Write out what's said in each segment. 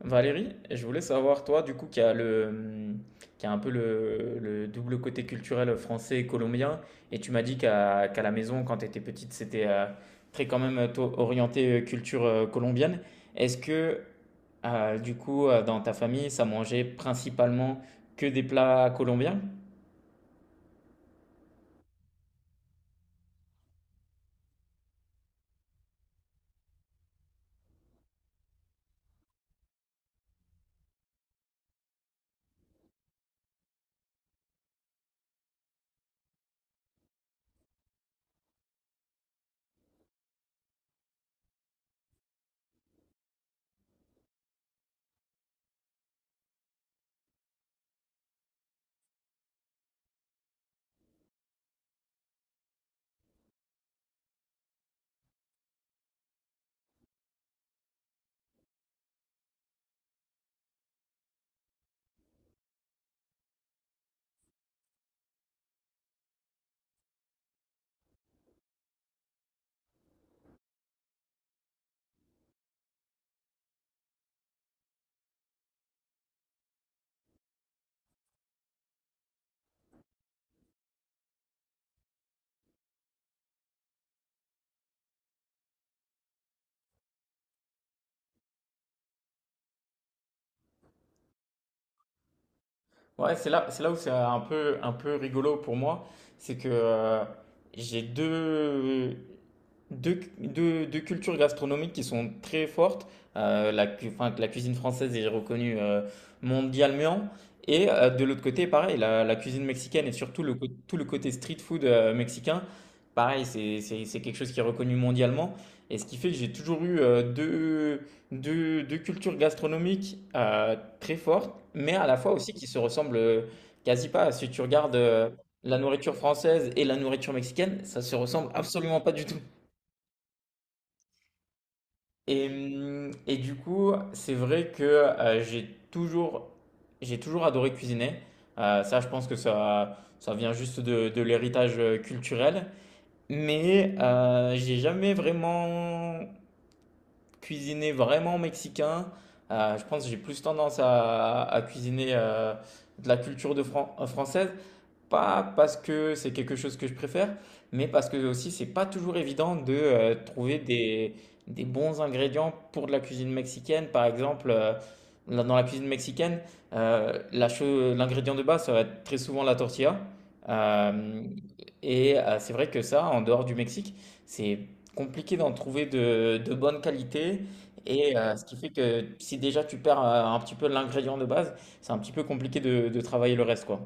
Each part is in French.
Valérie, je voulais savoir, toi, du coup, qui a qui a un peu le double côté culturel français et colombien, et tu m'as dit qu'à la maison, quand tu étais petite, c'était très quand même toi, orienté culture colombienne. Est-ce que, du coup, dans ta famille, ça mangeait principalement que des plats colombiens? Ouais, c'est là où c'est un peu rigolo pour moi, c'est que j'ai deux cultures gastronomiques qui sont très fortes. Enfin, la cuisine française est reconnue mondialement. Et de l'autre côté, pareil, la cuisine mexicaine et surtout tout le côté street food mexicain, pareil, c'est quelque chose qui est reconnu mondialement. Et ce qui fait que j'ai toujours eu deux cultures gastronomiques très fortes, mais à la fois aussi qui se ressemblent quasi pas. Si tu regardes la nourriture française et la nourriture mexicaine, ça se ressemble absolument pas du tout. Et du coup, c'est vrai que j'ai toujours adoré cuisiner. Ça, je pense que ça vient juste de l'héritage culturel. Mais j'ai jamais vraiment cuisiné vraiment mexicain. Je pense que j'ai plus tendance à cuisiner de la culture de française pas parce que c'est quelque chose que je préfère, mais parce que aussi c'est pas toujours évident de trouver des bons ingrédients pour de la cuisine mexicaine. Par exemple, là, dans la cuisine mexicaine, euh, l'ingrédient de base, ça va être très souvent la tortilla. Euh, et c'est vrai que ça, en dehors du Mexique, c'est compliqué d'en trouver de bonne qualité. Et ce qui fait que si déjà tu perds un petit peu l'ingrédient de base, c'est un petit peu compliqué de travailler le reste, quoi.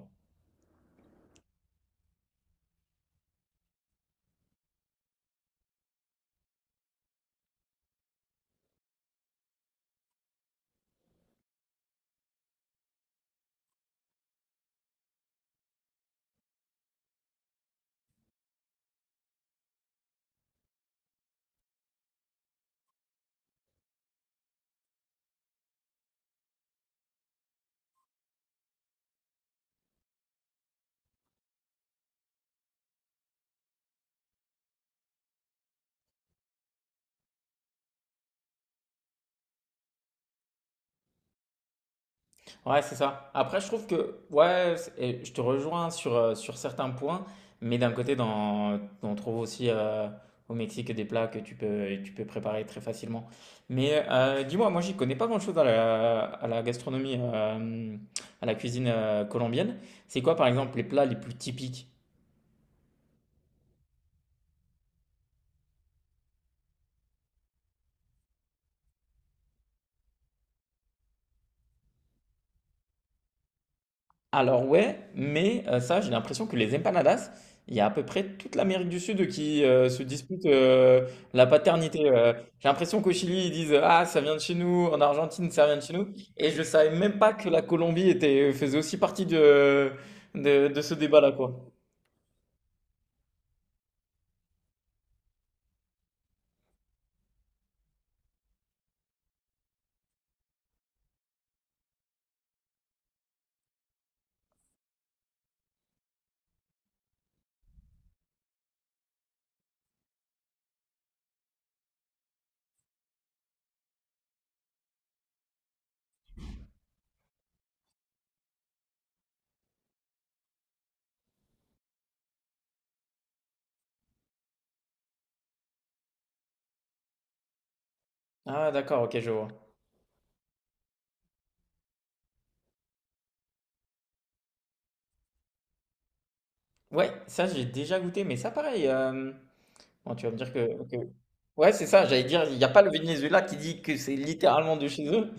Ouais, c'est ça. Après, je trouve que, ouais, et je te rejoins sur, sur certains points, mais d'un côté, on trouve aussi au Mexique des plats que tu peux préparer très facilement. Mais dis-moi, moi, j'y connais pas grand-chose à la gastronomie, à la cuisine colombienne. C'est quoi, par exemple, les plats les plus typiques? Alors ouais, mais ça, j'ai l'impression que les empanadas, il y a à peu près toute l'Amérique du Sud qui se dispute la paternité. J'ai l'impression qu'au Chili, ils disent ah ça vient de chez nous, en Argentine ça vient de chez nous, et je savais même pas que la Colombie était faisait aussi partie de de ce débat-là quoi. Ah d'accord, ok, je vois. Ouais, ça j'ai déjà goûté, mais ça pareil. Bon, tu vas me dire que... ouais c'est ça. J'allais dire il n'y a pas le Venezuela qui dit que c'est littéralement de chez eux.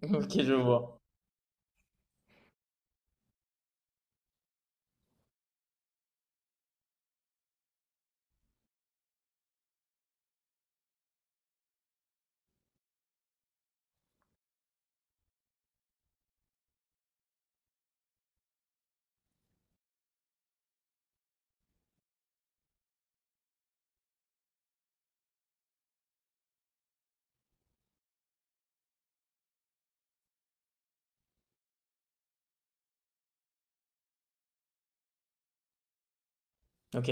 Ok, je vois. Ok.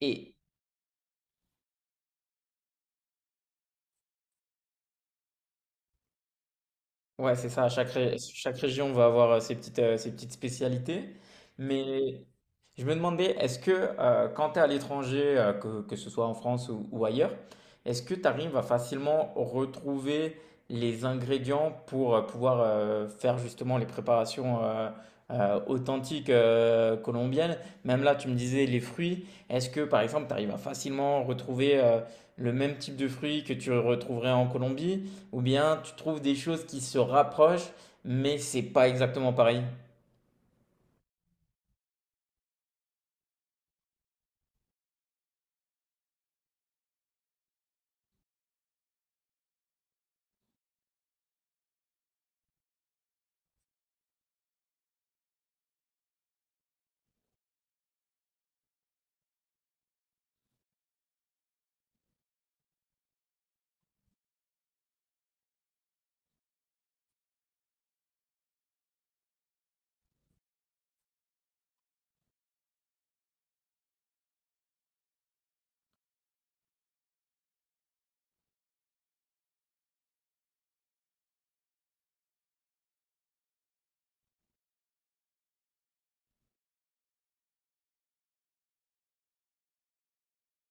Et, ouais, c'est ça. Chaque région va avoir euh, ses petites spécialités. Mais je me demandais, est-ce que quand tu es à l'étranger, que ce soit en France ou ailleurs, est-ce que tu arrives à facilement retrouver les ingrédients pour pouvoir faire justement les préparations authentiques colombiennes? Même là, tu me disais les fruits. Est-ce que, par exemple, tu arrives à facilement retrouver le même type de fruits que tu retrouverais en Colombie? Ou bien tu trouves des choses qui se rapprochent, mais c'est pas exactement pareil.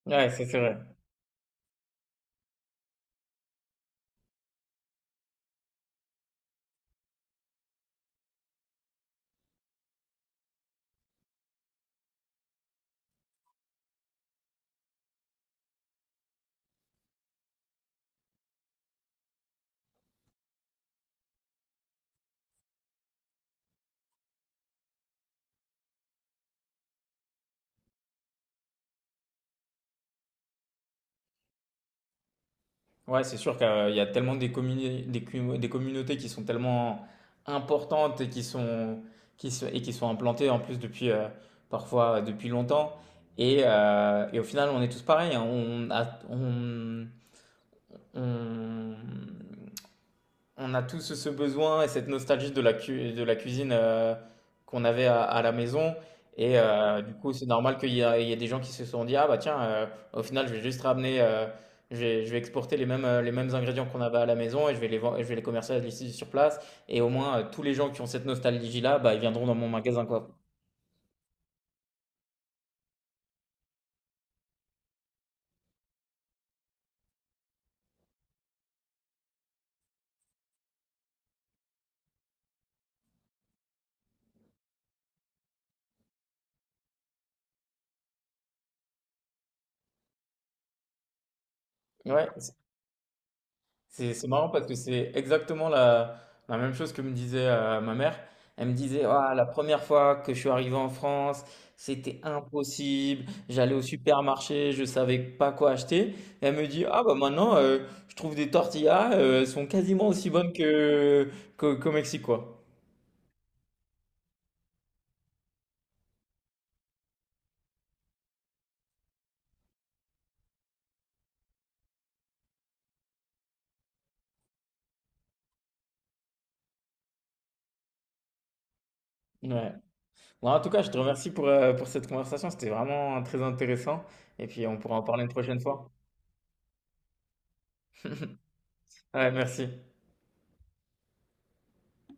Ouais, ça, c'est vrai. Ouais, c'est sûr qu'il y a tellement des, communi- des, cu- des communautés qui sont tellement importantes et qui sont implantées en plus depuis parfois depuis longtemps. Et au final, on est tous pareils, hein. On, On a tous ce besoin et cette nostalgie de la de la cuisine, qu'on avait à la maison et du coup, c'est normal qu'il y a il y ait des gens qui se sont dit: «Ah bah tiens, heu, au final, je vais juste ramener, je vais exporter les mêmes ingrédients qu'on avait à la maison et je vais les commercialiser ici sur place», et au moins, tous les gens qui ont cette nostalgie-là, bah, ils viendront dans mon magasin, quoi. Ouais, c'est marrant parce que c'est exactement la même chose que me disait ma mère. Elle me disait, ah, la première fois que je suis arrivé en France, c'était impossible. J'allais au supermarché, je savais pas quoi acheter. Et elle me dit, ah bah maintenant, je trouve des tortillas, elles sont quasiment aussi bonnes qu'au Mexique, quoi. Ouais. Bon, en tout cas, je te remercie pour cette conversation. C'était vraiment très intéressant. Et puis, on pourra en parler une prochaine fois. Ouais, merci.